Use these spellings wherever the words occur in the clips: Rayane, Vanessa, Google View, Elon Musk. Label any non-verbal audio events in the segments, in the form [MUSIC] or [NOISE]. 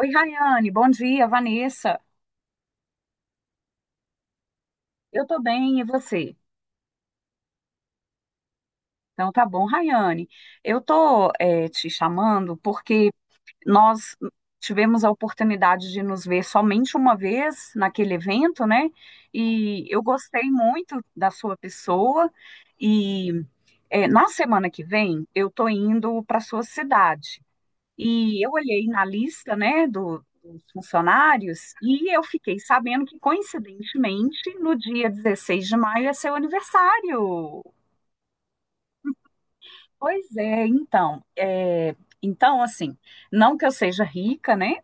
Oi, Rayane, bom dia, Vanessa. Eu tô bem, e você? Então tá bom, Rayane. Eu tô te chamando porque nós tivemos a oportunidade de nos ver somente uma vez naquele evento, né? E eu gostei muito da sua pessoa. E na semana que vem eu tô indo para sua cidade. E eu olhei na lista, né, dos funcionários e eu fiquei sabendo que, coincidentemente, no dia 16 de maio é seu aniversário. Pois é, então, então, assim, não que eu seja rica, né,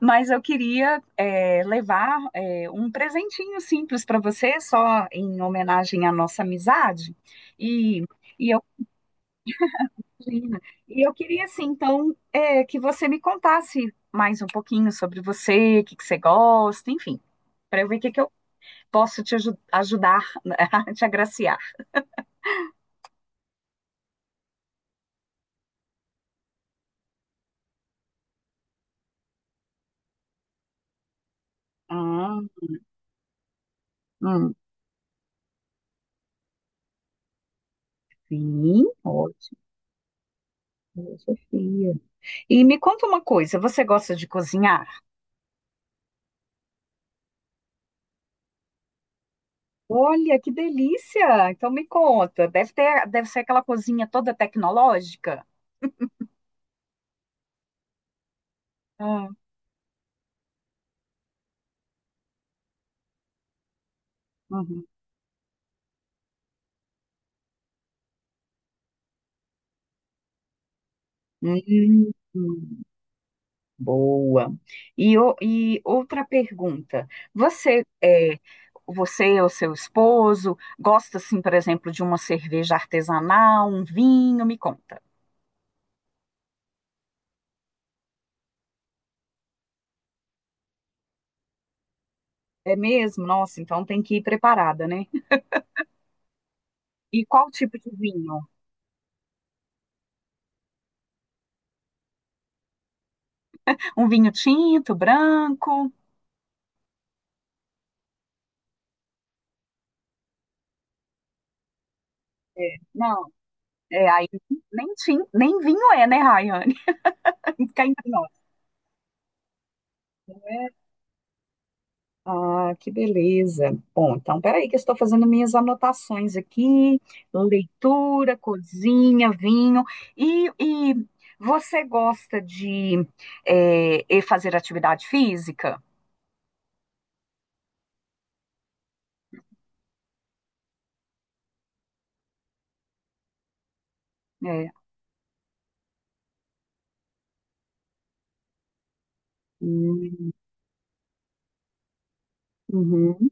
mas eu queria levar um presentinho simples para você, só em homenagem à nossa amizade. E, e eu. Imagina. E eu queria, assim, então, que você me contasse mais um pouquinho sobre você, o que que você gosta, enfim, para eu ver o que que eu posso ajudar, né, [LAUGHS] a te agraciar. Ah, hum, sim, ótimo, filosofia. E me conta uma coisa, você gosta de cozinhar? Olha, que delícia! Então me conta, deve ser aquela cozinha toda tecnológica? Ah, uhum. Hum, hum. Boa. E outra pergunta. Você é, você ou seu esposo gosta, assim, por exemplo, de uma cerveja artesanal, um vinho? Me conta. É mesmo? Nossa, então tem que ir preparada, né? E qual tipo de vinho? Um vinho tinto, branco? É, não, é aí nem, nem vinho é, né, Rayane? [LAUGHS] Fica entre nós. Né? Ah, que beleza. Bom, então peraí que eu estou fazendo minhas anotações aqui, leitura, cozinha, vinho. E você gosta de fazer atividade física? É. Hum, uhum.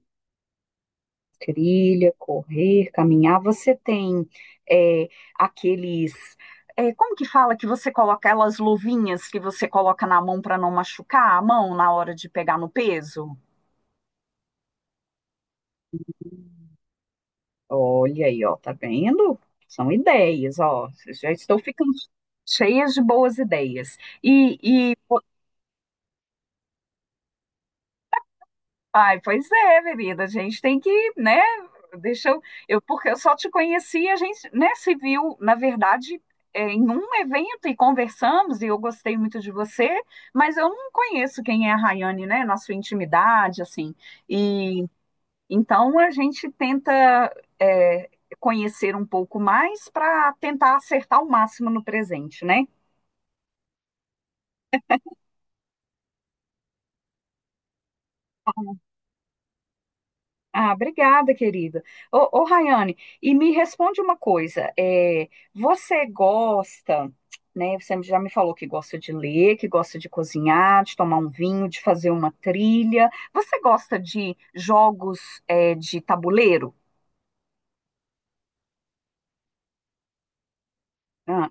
Trilha, correr, caminhar. Você tem eh, aqueles, como que fala que você coloca aquelas luvinhas que você coloca na mão para não machucar a mão na hora de pegar no peso? Olha aí, ó, tá vendo? São ideias, ó. Já estou ficando cheias de boas ideias. E, e ai, pois é, querida, a gente tem que, né? Deixa eu, porque eu só te conheci, a gente, né, se viu, na verdade, em um evento e conversamos, e eu gostei muito de você, mas eu não conheço quem é a Rayane, né? Na sua intimidade, assim. Então a gente tenta é, conhecer um pouco mais para tentar acertar o máximo no presente, né? Ah, obrigada, querida. Ô Rayane, e me responde uma coisa: você gosta, né? Você já me falou que gosta de ler, que gosta de cozinhar, de tomar um vinho, de fazer uma trilha. Você gosta de jogos, de tabuleiro? Ah,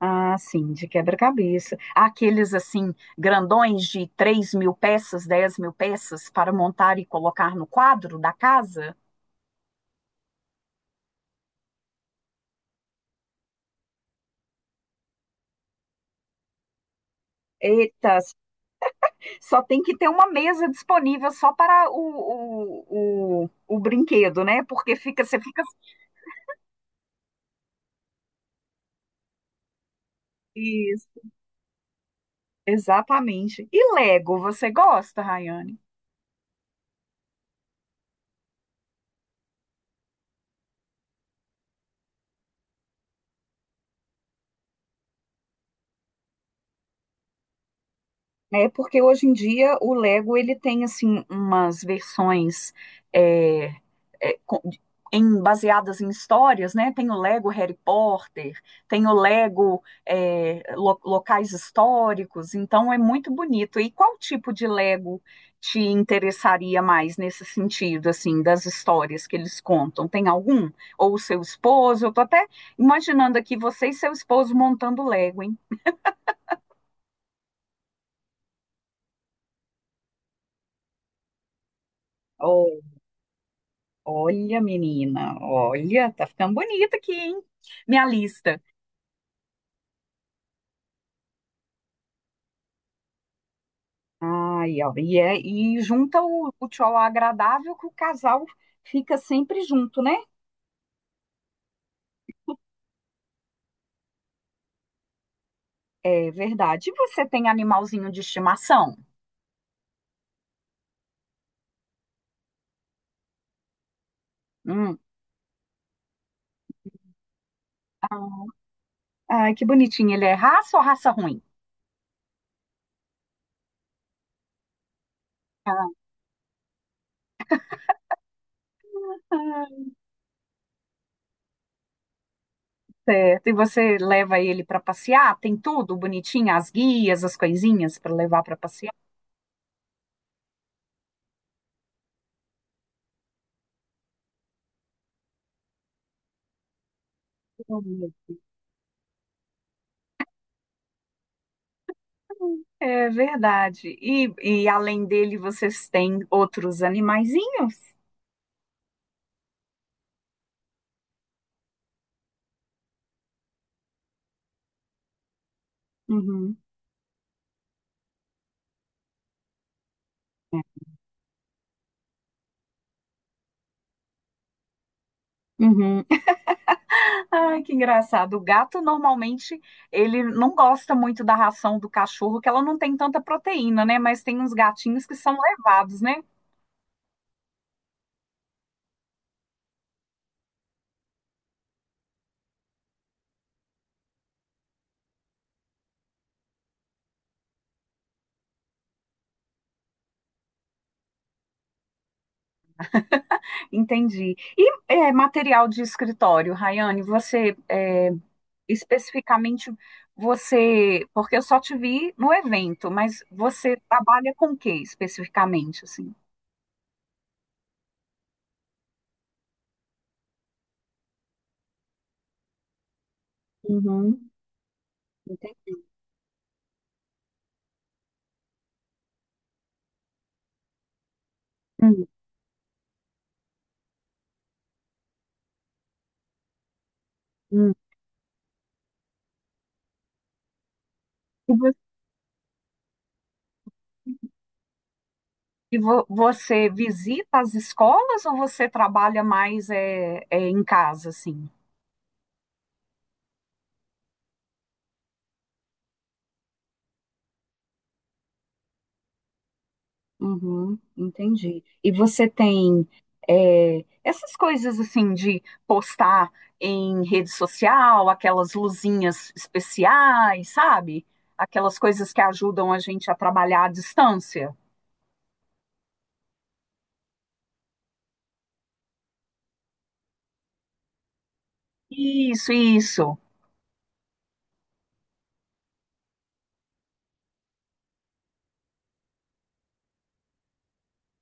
ah, sim, de quebra-cabeça. Há aqueles, assim, grandões de 3 mil peças, 10 mil peças para montar e colocar no quadro da casa? Eita, só tem que ter uma mesa disponível só para o brinquedo, né? Porque fica, você fica. Isso, exatamente. E Lego, você gosta, Rayane? É porque hoje em dia o Lego ele tem assim umas versões é, é, com- baseadas em histórias, né? Tem o Lego Harry Potter, tem o Lego locais históricos, então é muito bonito. E qual tipo de Lego te interessaria mais nesse sentido, assim, das histórias que eles contam? Tem algum? Ou o seu esposo? Eu tô até imaginando aqui você e seu esposo montando Lego, hein? Olha, menina, olha, tá ficando bonita aqui, hein? Minha lista. Ai, ó, e junta o tchau agradável que o casal fica sempre junto, né? É verdade. E você tem animalzinho de estimação? Hum. Ah, ai, que bonitinho. Ele é raça ou raça ruim? Ah, ah, certo. E você leva ele para passear? Tem tudo bonitinho, as guias, as coisinhas para levar para passear? É verdade. E além dele, vocês têm outros animaizinhos? Uhum. É. Uhum. Ai, que engraçado. O gato normalmente ele não gosta muito da ração do cachorro, que ela não tem tanta proteína, né? Mas tem uns gatinhos que são levados, né? Entendi. E material de escritório, Rayane, especificamente você, porque eu só te vi no evento, mas você trabalha com o que especificamente, assim? Uhum. Hum, hum. E vo- e você visita as escolas ou você trabalha mais em casa, assim? Uhum, entendi. E você tem essas coisas assim de postar em rede social, aquelas luzinhas especiais, sabe? Aquelas coisas que ajudam a gente a trabalhar à distância. Isso, isso.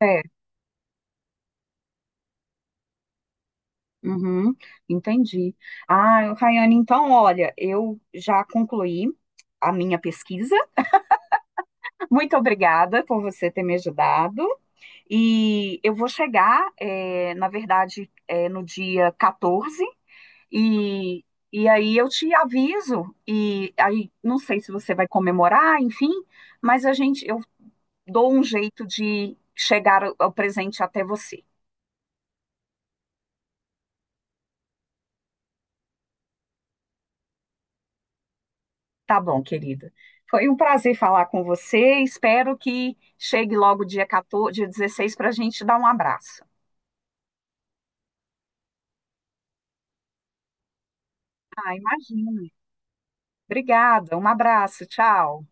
É. Uhum, entendi. Ah, Rayane, então, olha, eu já concluí a minha pesquisa. [LAUGHS] Muito obrigada por você ter me ajudado. E eu vou chegar, na verdade, no dia 14, e, e aí eu te aviso. E aí, não sei se você vai comemorar, enfim, mas a gente, eu dou um jeito de chegar o presente até você. Tá bom, querida. Foi um prazer falar com você. Espero que chegue logo dia 14, dia 16 para a gente dar um abraço. Ah, imagina. Obrigada. Um abraço. Tchau.